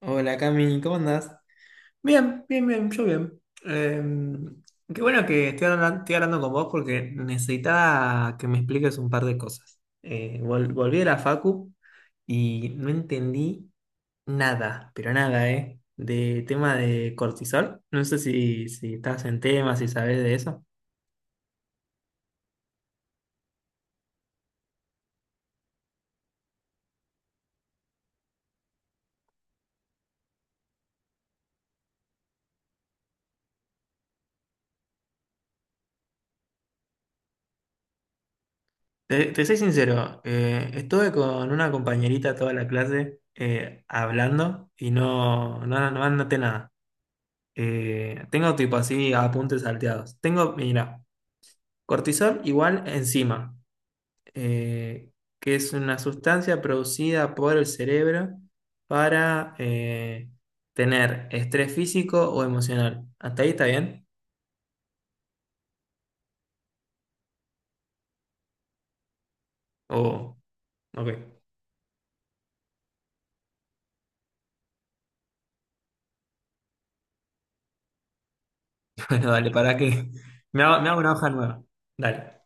Hola Cami, ¿cómo andás? Bien, bien, bien, yo bien. Eh, qué bueno que estoy hablando con vos porque necesitaba que me expliques un par de cosas. Volví de la facu y no entendí nada, pero nada, ¿eh? De tema de cortisol. No sé si estás en tema, si sabes de eso. Te soy sincero, estuve con una compañerita toda la clase hablando y no anoté nada. Tengo tipo así apuntes salteados. Tengo, mira, cortisol igual enzima, eh, que es una sustancia producida por el cerebro para tener estrés físico o emocional. ¿Hasta ahí está bien? O, ok. Bueno, dale, para que me hago una hoja nueva. Dale.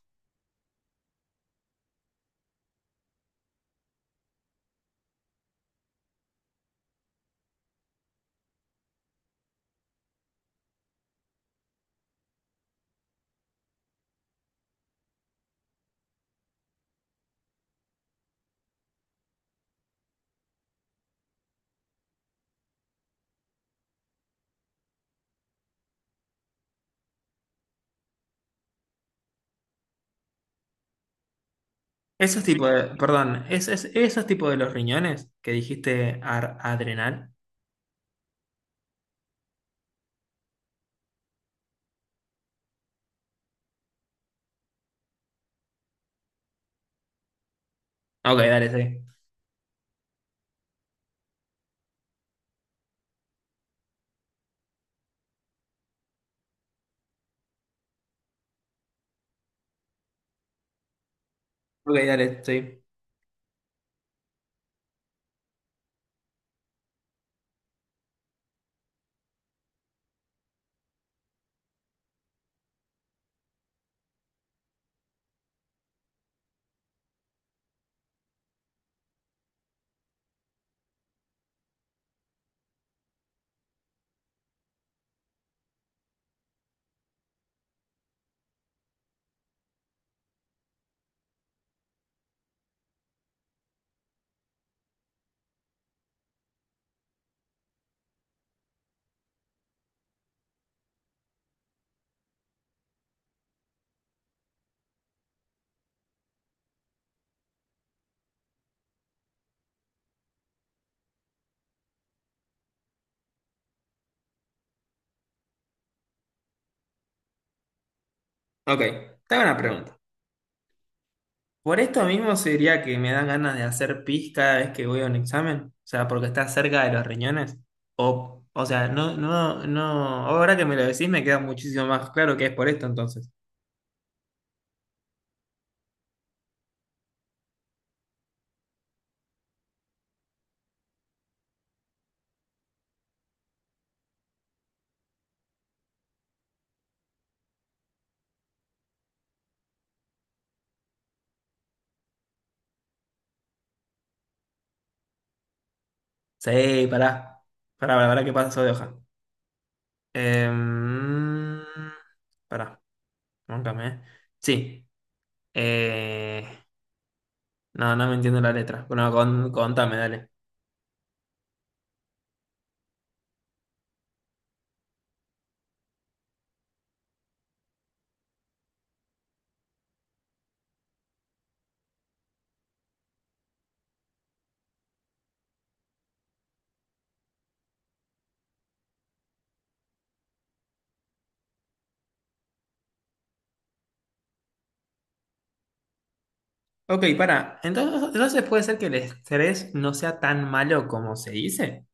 Esos tipos de, perdón, esos tipos de los riñones que dijiste adrenal. Ok, dale, sí. Ok, dale, sí. Ok, te hago una pregunta. Por esto mismo se diría que me dan ganas de hacer pis cada vez que voy a un examen, o sea, porque está cerca de los riñones. O sea, no, no, no, ahora que me lo decís me queda muchísimo más claro que es por esto entonces. Sí, pará que pasó de hoja. Em, pará, móncame, eh. Sí, eh, no, no me entiendo la letra. Bueno, contame, dale. Ok, pará, entonces puede ser que el estrés no sea tan malo como se dice.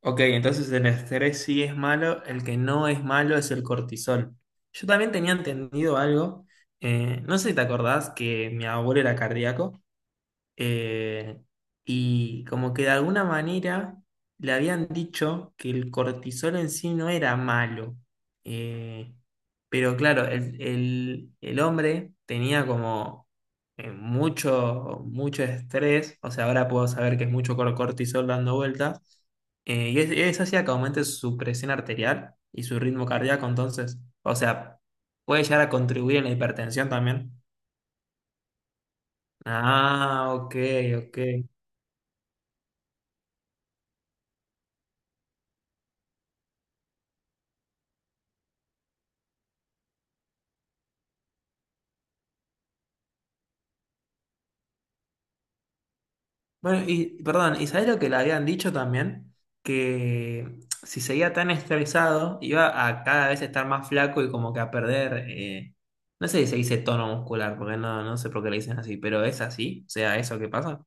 Ok, entonces el estrés sí es malo, el que no es malo es el cortisol. Yo también tenía entendido algo, no sé si te acordás que mi abuelo era cardíaco, eh, y como que de alguna manera le habían dicho que el cortisol en sí no era malo. Eh, pero claro, el hombre tenía como mucho, mucho estrés, o sea, ahora puedo saber que es mucho cortisol dando vueltas, eso hacía que aumente su presión arterial y su ritmo cardíaco, entonces, o sea, puede llegar a contribuir en la hipertensión también. Ah, ok, ok. Bueno, y perdón, ¿y sabés lo que le habían dicho también? Que si seguía tan estresado, iba a cada vez estar más flaco y como que a perder, no sé si se dice tono muscular, porque no, no sé por qué le dicen así, pero es así, o sea, eso que pasa.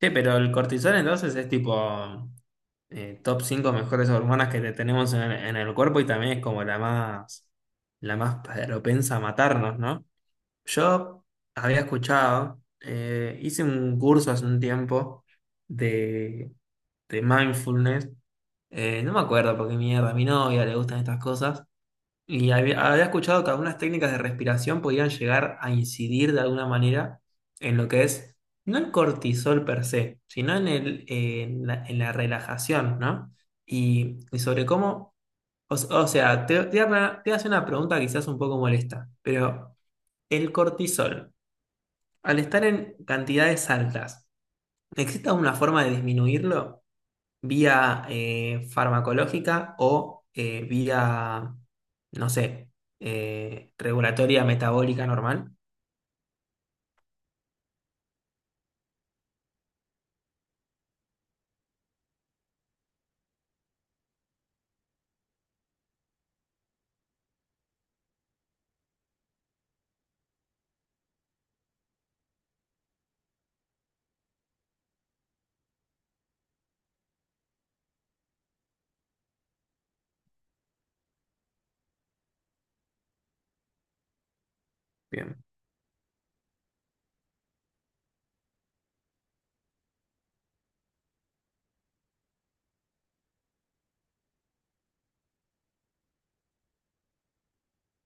Sí, pero el cortisol entonces es tipo top 5 mejores hormonas que tenemos en el cuerpo y también es como la más propensa a matarnos, ¿no? Yo había escuchado, hice un curso hace un tiempo de, de mindfulness. No me acuerdo porque mierda, a mi novia le gustan estas cosas. Y había escuchado que algunas técnicas de respiración podían llegar a incidir de alguna manera en lo que es, no el cortisol per se, sino en en la relajación, ¿no? Y sobre cómo, te voy a hacer una pregunta quizás un poco molesta, pero el cortisol al estar en cantidades altas, ¿existe alguna forma de disminuirlo vía farmacológica o vía, no sé, regulatoria metabólica normal? Bien.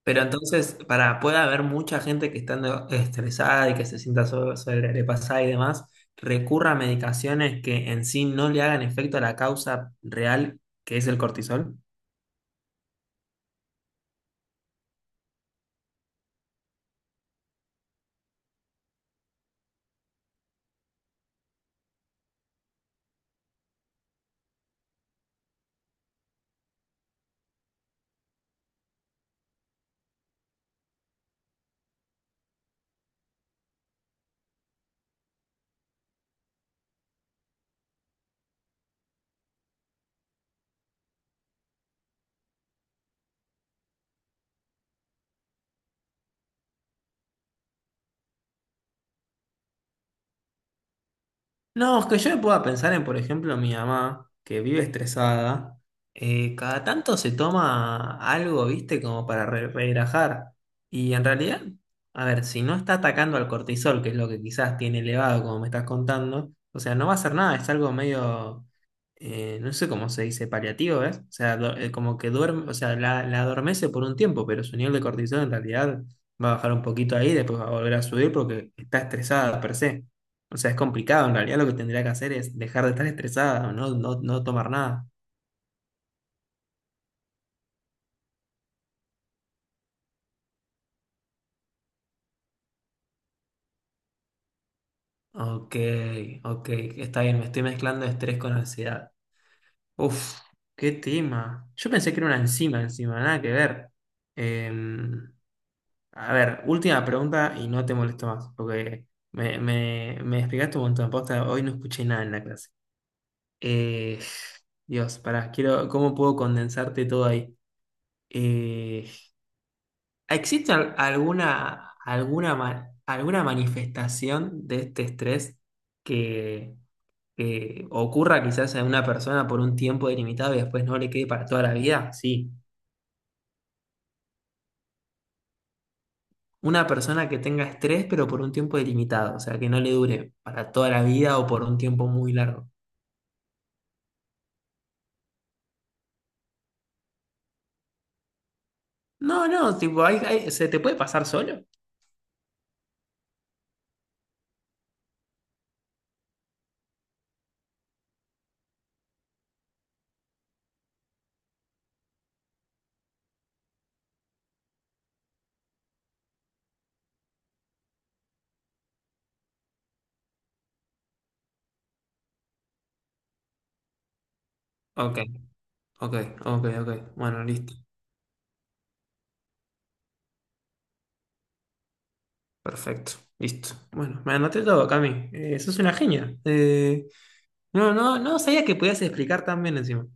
Pero entonces, para pueda haber mucha gente que estando estresada y que se sienta sobrepasada y demás, recurra a medicaciones que en sí no le hagan efecto a la causa real, que es el cortisol. No, es que yo me puedo pensar en, por ejemplo, mi mamá, que vive estresada, cada tanto se toma algo, viste, como para relajar. Y en realidad, a ver, si no está atacando al cortisol, que es lo que quizás tiene elevado, como me estás contando, o sea, no va a hacer nada, es algo medio, no sé cómo se dice, paliativo, ¿ves? O sea, como que duerme, o sea, la adormece por un tiempo, pero su nivel de cortisol en realidad va a bajar un poquito ahí, después va a volver a subir porque está estresada per se. O sea, es complicado. En realidad lo que tendría que hacer es dejar de estar estresada, no tomar nada. Ok, ok, está bien, me estoy mezclando estrés con ansiedad. Uf, qué tema. Yo pensé que era una enzima encima, nada que ver. Em, a ver, última pregunta y no te molesto más, porque me explicaste un montón. Posta, hoy no escuché nada en la clase. Eh, Dios, pará, quiero, ¿cómo puedo condensarte todo ahí? Eh, ¿Existe alguna manifestación de este estrés que, que ocurra quizás en una persona por un tiempo delimitado y después no le quede para toda la vida? Sí. Una persona que tenga estrés pero por un tiempo delimitado, o sea, que no le dure para toda la vida o por un tiempo muy largo. No, no, tipo, ¿se te puede pasar solo? Ok, ok, ok, ok. Bueno, listo. Perfecto, listo. Bueno, me anoté todo, Cami. Sos una genia. No, no, no sabía que podías explicar tan bien encima.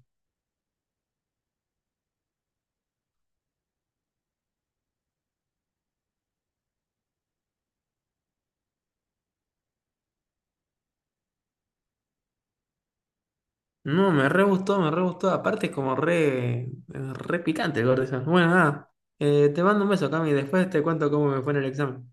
No, me re gustó, me re gustó. Aparte es como re, re picante el Gordon. Bueno, nada. Te mando un beso, Cami. Después te cuento cómo me fue en el examen.